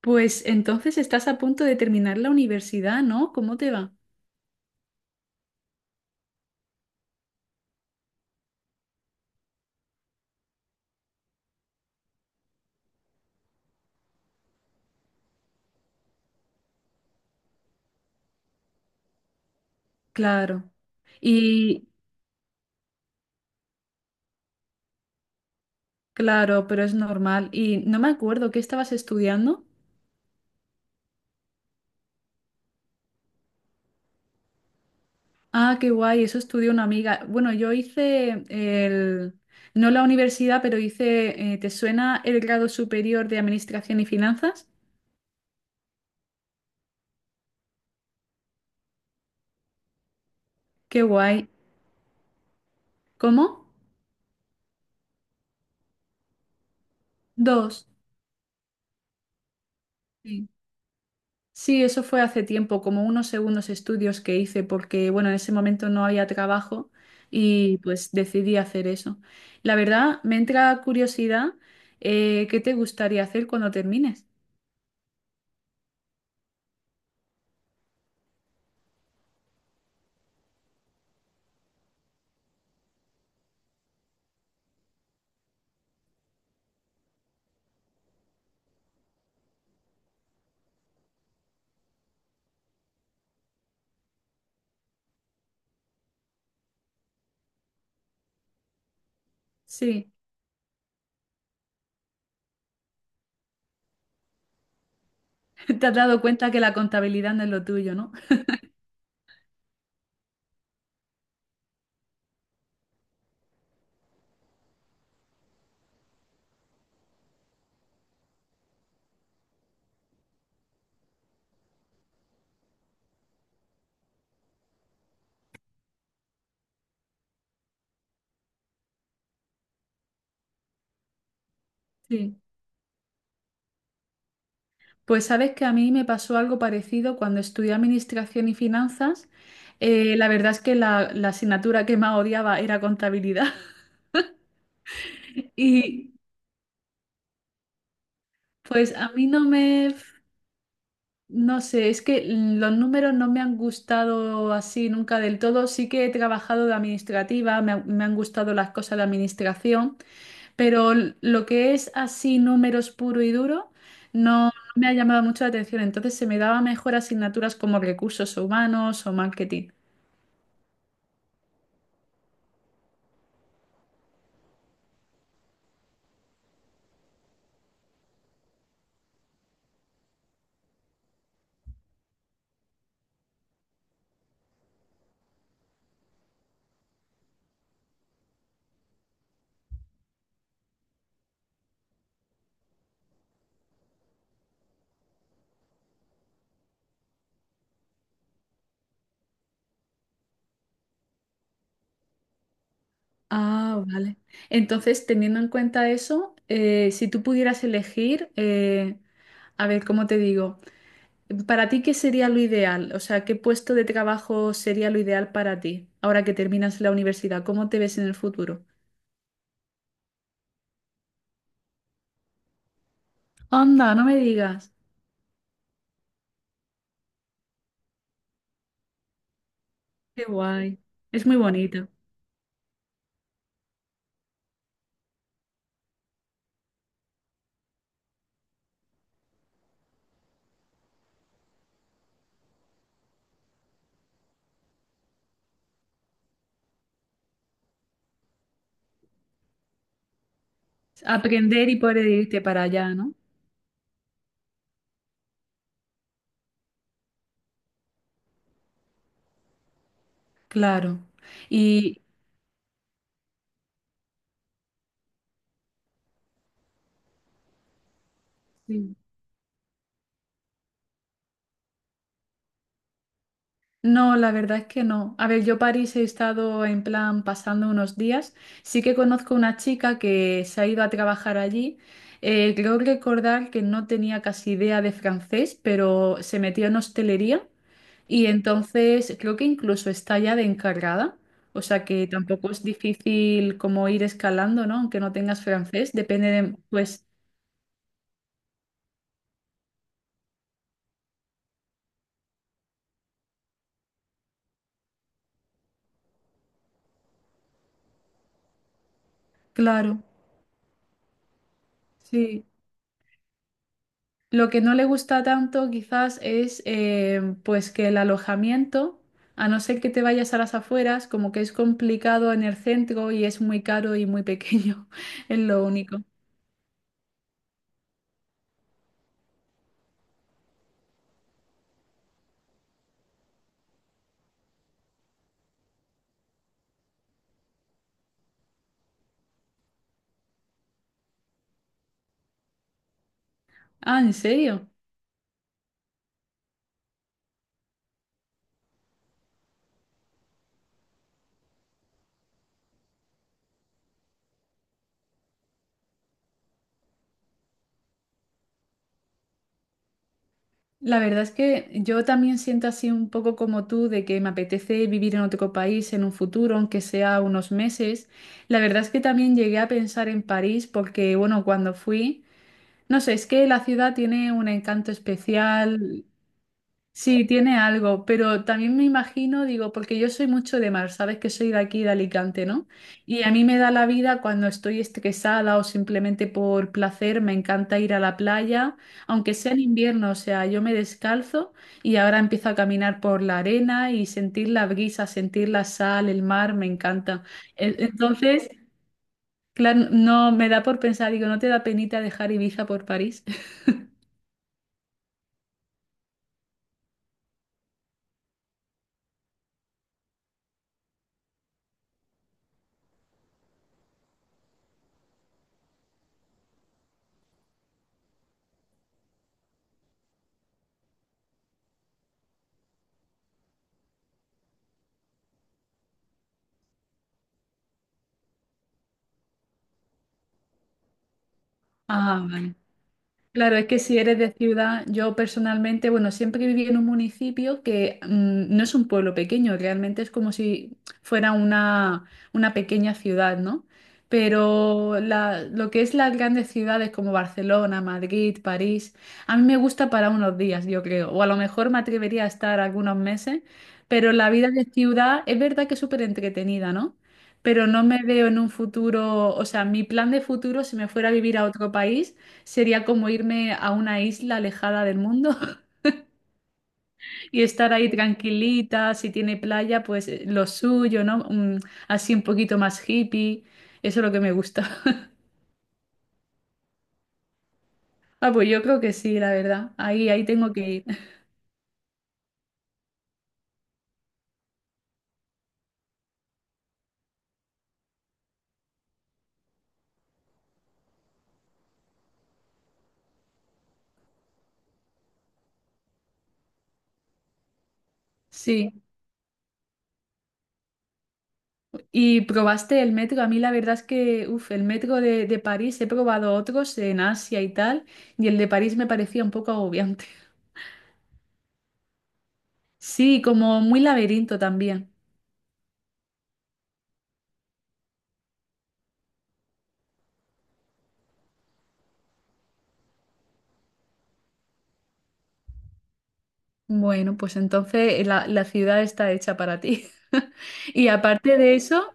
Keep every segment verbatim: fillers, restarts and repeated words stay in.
Pues entonces estás a punto de terminar la universidad, ¿no? ¿Cómo te va? Claro. Y claro, pero es normal. Y no me acuerdo, ¿qué estabas estudiando? Ah, qué guay, eso estudió una amiga. Bueno, yo hice el, no la universidad, pero hice, eh, ¿te suena el grado superior de Administración y Finanzas? Qué guay. ¿Cómo? Dos. Sí. Sí, eso fue hace tiempo, como unos segundos estudios que hice, porque bueno, en ese momento no había trabajo y pues decidí hacer eso. La verdad, me entra curiosidad, eh, ¿qué te gustaría hacer cuando termines? Sí, te has dado cuenta que la contabilidad no es lo tuyo, ¿no? Sí, pues sabes que a mí me pasó algo parecido cuando estudié administración y finanzas. Eh, la verdad es que la, la asignatura que más odiaba era contabilidad. Y pues a mí no me, no sé, es que los números no me han gustado así nunca del todo. Sí que he trabajado de administrativa, me, ha- me han gustado las cosas de administración, pero l- lo que es así números puro y duro no, no me ha llamado mucho la atención. Entonces se me daba mejor asignaturas como recursos humanos o marketing. Ah, vale. Entonces, teniendo en cuenta eso, eh, si tú pudieras elegir, eh, a ver, ¿cómo te digo? ¿Para ti qué sería lo ideal? O sea, ¿qué puesto de trabajo sería lo ideal para ti ahora que terminas la universidad? ¿Cómo te ves en el futuro? Anda, no me digas. Qué guay. Es muy bonito. Aprender y poder irte para allá, ¿no? Claro. Y sí, no, la verdad es que no. A ver, yo París he estado en plan pasando unos días. Sí que conozco una chica que se ha ido a trabajar allí. Eh, creo recordar que no tenía casi idea de francés, pero se metió en hostelería. Y entonces creo que incluso está ya de encargada, o sea que tampoco es difícil como ir escalando, ¿no? Aunque no tengas francés, depende de, pues, claro, sí. Lo que no le gusta tanto quizás es eh, pues que el alojamiento, a no ser que te vayas a las afueras, como que es complicado en el centro y es muy caro y muy pequeño, es lo único. Ah, ¿en serio? La verdad es que yo también siento así un poco como tú de que me apetece vivir en otro país en un futuro, aunque sea unos meses. La verdad es que también llegué a pensar en París porque, bueno, cuando fui, no sé, es que la ciudad tiene un encanto especial. Sí, tiene algo, pero también me imagino, digo, porque yo soy mucho de mar, sabes que soy de aquí, de Alicante, ¿no? Y a mí me da la vida cuando estoy estresada o simplemente por placer, me encanta ir a la playa, aunque sea en invierno, o sea, yo me descalzo y ahora empiezo a caminar por la arena y sentir la brisa, sentir la sal, el mar, me encanta. E- entonces, claro, no me da por pensar, digo, ¿no te da penita dejar Ibiza por París? Ah, vale. Claro, es que si eres de ciudad, yo personalmente, bueno, siempre viví en un municipio que mm, no es un pueblo pequeño, realmente es como si fuera una, una pequeña ciudad, ¿no? Pero la- lo que es las grandes ciudades como Barcelona, Madrid, París, a mí me gusta para unos días, yo creo, o a lo mejor me atrevería a estar algunos meses, pero la vida de ciudad es verdad que es súper entretenida, ¿no? Pero no me veo en un futuro, o sea, mi plan de futuro, si me fuera a vivir a otro país, sería como irme a una isla alejada del mundo y estar ahí tranquilita, si tiene playa, pues eh, lo suyo, ¿no? Mm, así un poquito más hippie, eso es lo que me gusta. Ah, pues yo creo que sí, la verdad. Ahí, ahí tengo que ir. Sí. ¿Y probaste el metro? A mí la verdad es que, uff, el metro de, de París, he probado otros en Asia y tal, y el de París me parecía un poco agobiante. Sí, como muy laberinto también. Bueno, pues entonces la, la ciudad está hecha para ti. Y aparte de eso,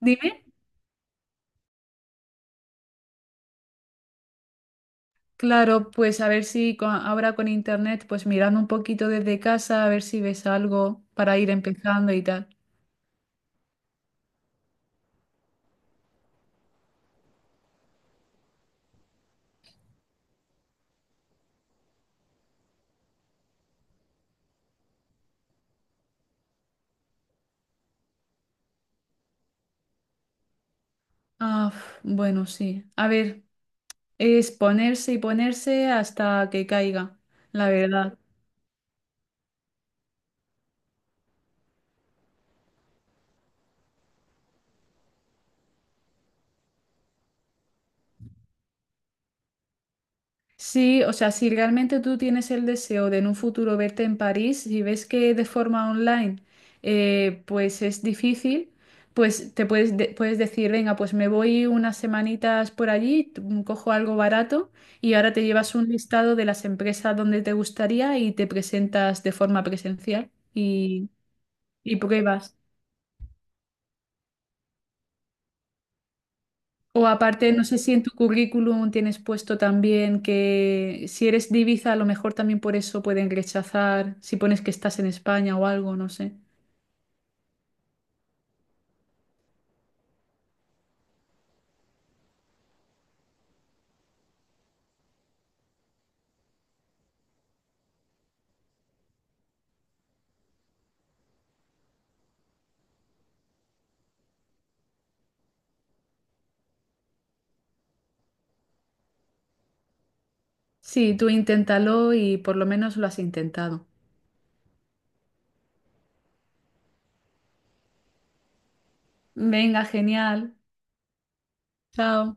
dime, claro, pues a ver si co- ahora con internet, pues mirando un poquito desde casa, a ver si ves algo para ir empezando y tal. Ah, uf, bueno, sí. A ver, es ponerse y ponerse hasta que caiga, la verdad. Sí, o sea, si realmente tú tienes el deseo de en un futuro verte en París y ves que de forma online eh, pues es difícil, pues te puedes, de- puedes decir, venga, pues me voy unas semanitas por allí, t- mm, cojo algo barato y ahora te llevas un listado de las empresas donde te gustaría y te presentas de forma presencial y, y pruebas. O aparte, no sé si en tu currículum tienes puesto también que si eres divisa a lo mejor también por eso pueden rechazar, si pones que estás en España o algo, no sé. Sí, tú inténtalo y por lo menos lo has intentado. Venga, genial. Chao.